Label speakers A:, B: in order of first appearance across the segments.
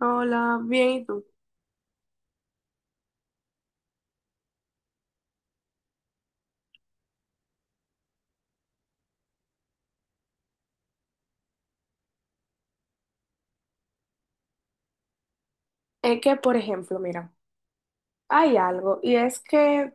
A: Hola, bien, ¿y tú? Es que, por ejemplo, mira, hay algo, y es que,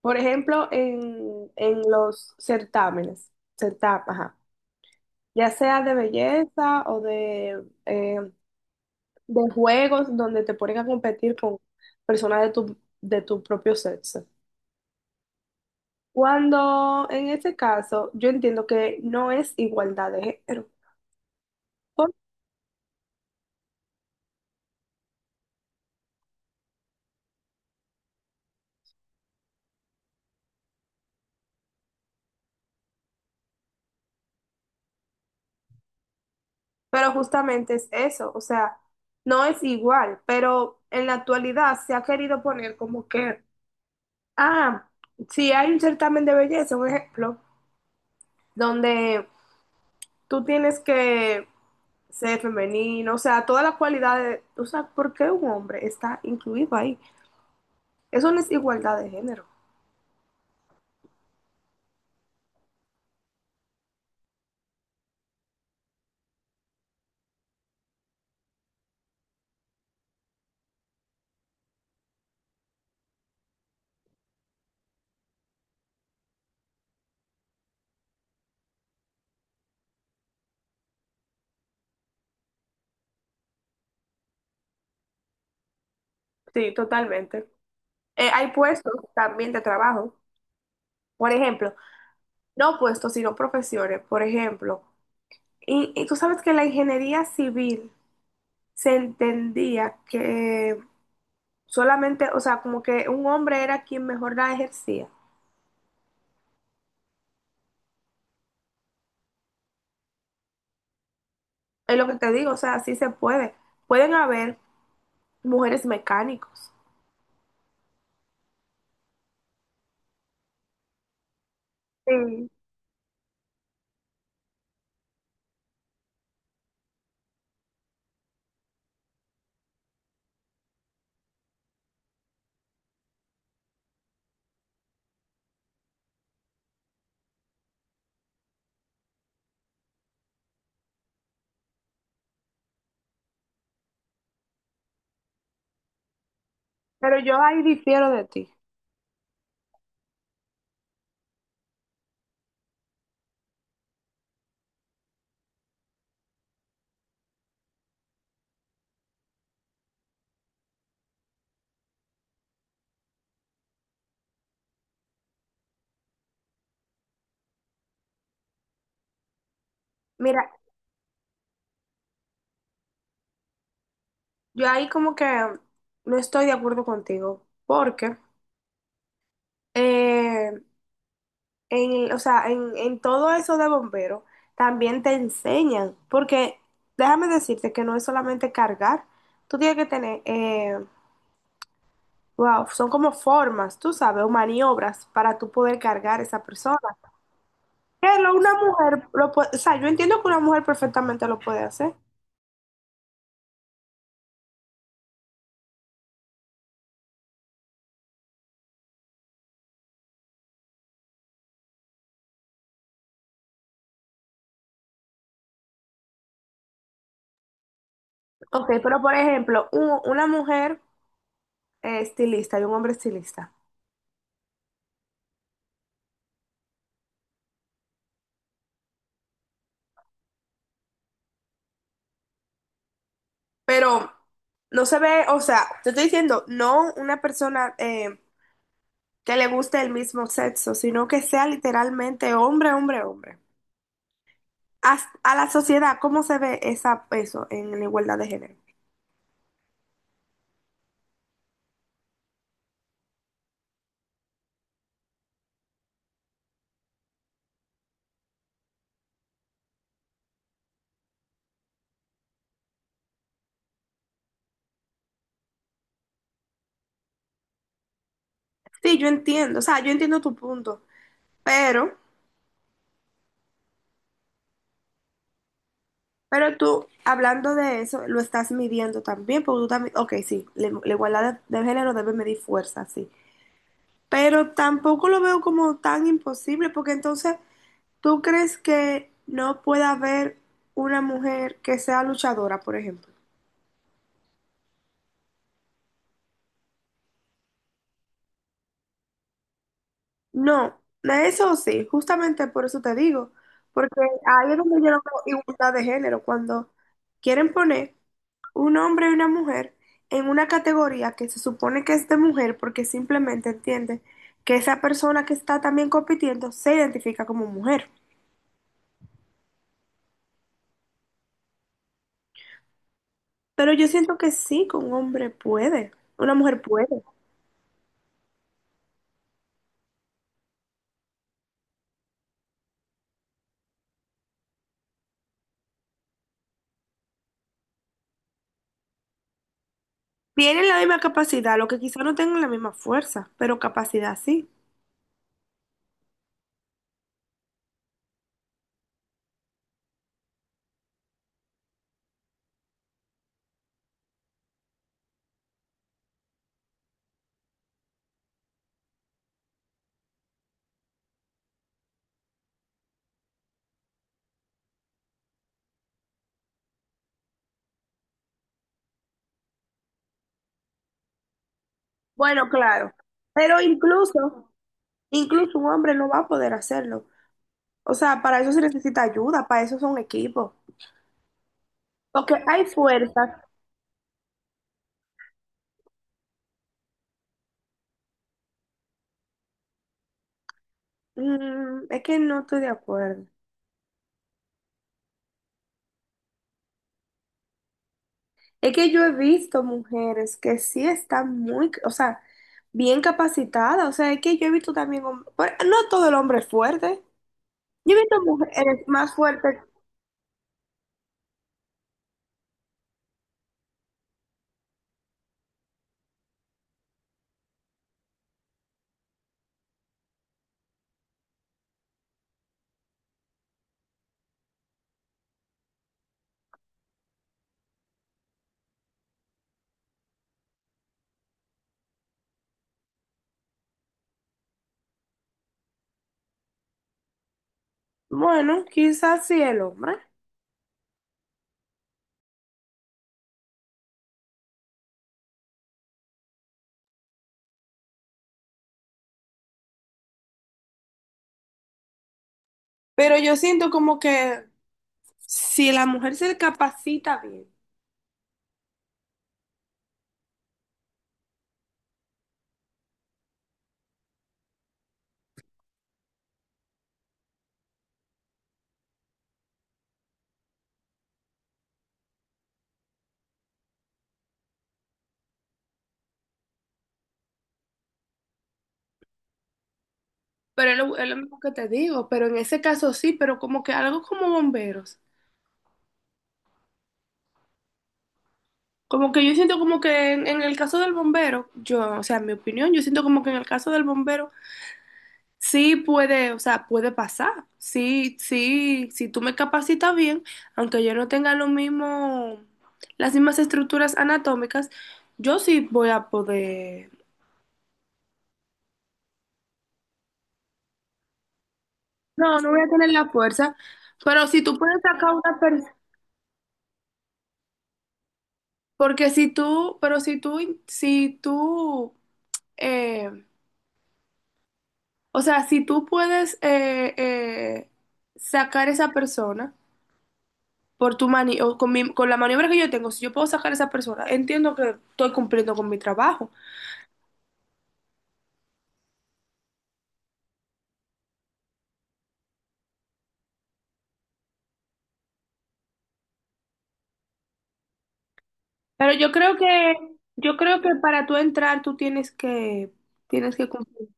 A: por ejemplo, en los certámenes, certámenes, ajá, ya sea de belleza o de juegos donde te ponen a competir con personas de tu propio sexo. Cuando en ese caso, yo entiendo que no es igualdad de género, ¿por? Pero justamente es eso, o sea, no es igual, pero en la actualidad se ha querido poner como que... Ah, si hay un certamen de belleza, un ejemplo, donde tú tienes que ser femenino, o sea, todas las cualidades, o sea, ¿por qué un hombre está incluido ahí? Eso no es igualdad de género. Sí, totalmente. Hay puestos también de trabajo, por ejemplo, no puestos, sino profesiones, por ejemplo. Y tú sabes que la ingeniería civil se entendía que solamente, o sea, como que un hombre era quien mejor la ejercía. Es lo que te digo, o sea, sí se puede. Pueden haber mujeres mecánicos. Sí, pero yo ahí difiero de ti. Mira, yo ahí como que no estoy de acuerdo contigo, porque eh, en, o sea, en todo eso de bombero también te enseñan, porque déjame decirte que no es solamente cargar, tú tienes que tener, wow, son como formas, tú sabes, o maniobras para tú poder cargar esa persona. Pero una mujer, lo pu- o sea, yo entiendo que una mujer perfectamente lo puede hacer. Ok, pero por ejemplo, u- una mujer estilista y un hombre estilista. Pero no se ve, o sea, te estoy diciendo, no una persona que le guste el mismo sexo, sino que sea literalmente hombre, hombre, hombre. As- a la sociedad, ¿cómo se ve esa, eso en la igualdad de género? Sí, yo entiendo, o sea, yo entiendo tu punto, pero... Pero tú, hablando de eso, lo estás midiendo también, porque tú también, ok, sí, la igualdad de género debe medir fuerza, sí, pero tampoco lo veo como tan imposible, porque entonces, ¿tú crees que no pueda haber una mujer que sea luchadora, por ejemplo? No, de eso sí, justamente por eso te digo, porque ahí es donde yo no veo igualdad de género, cuando quieren poner un hombre y una mujer en una categoría que se supone que es de mujer porque simplemente entiende que esa persona que está también compitiendo se identifica como mujer. Pero yo siento que sí, que un hombre puede, una mujer puede. Tienen la misma capacidad, lo que quizá no tengan la misma fuerza, pero capacidad sí. Bueno, claro. Pero incluso, incluso un hombre no va a poder hacerlo. O sea, para eso se necesita ayuda, para eso son equipos. Porque hay fuerzas. Mm, es que no estoy de acuerdo. Es que yo he visto mujeres que sí están muy, o sea, bien capacitadas. O sea, es que yo he visto también, hom- bueno, no todo el hombre es fuerte. Yo he visto mujeres más fuertes. Bueno, quizás sí el hombre. Pero yo siento como que si la mujer se capacita bien. Pero es lo mismo que te digo, pero en ese caso sí, pero como que algo como bomberos. Como que yo siento como que en el caso del bombero, yo, o sea, en mi opinión, yo siento como que en el caso del bombero sí puede, o sea, puede pasar. Sí, sí, si tú me capacitas bien, aunque yo no tenga lo mismo, las mismas estructuras anatómicas, yo sí voy a poder. No, no voy a tener la fuerza, pero si tú puedes sacar una persona, porque si tú, pero si tú, si tú, eh, o sea, si tú puedes sacar esa persona. Por tu mani o con, mi- con la maniobra que yo tengo, si yo puedo sacar a esa persona, entiendo que estoy cumpliendo con mi trabajo. Pero yo creo que para tú entrar, tú tienes que cumplir.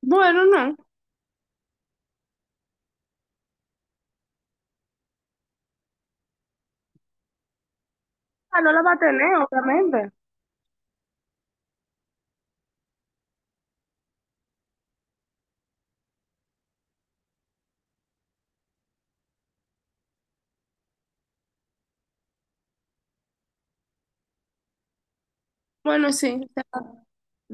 A: Bueno, no. Ah, no la va a tener, obviamente. Bueno, sí.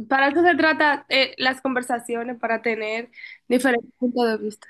A: Para eso se trata las conversaciones, para tener diferentes puntos de vista.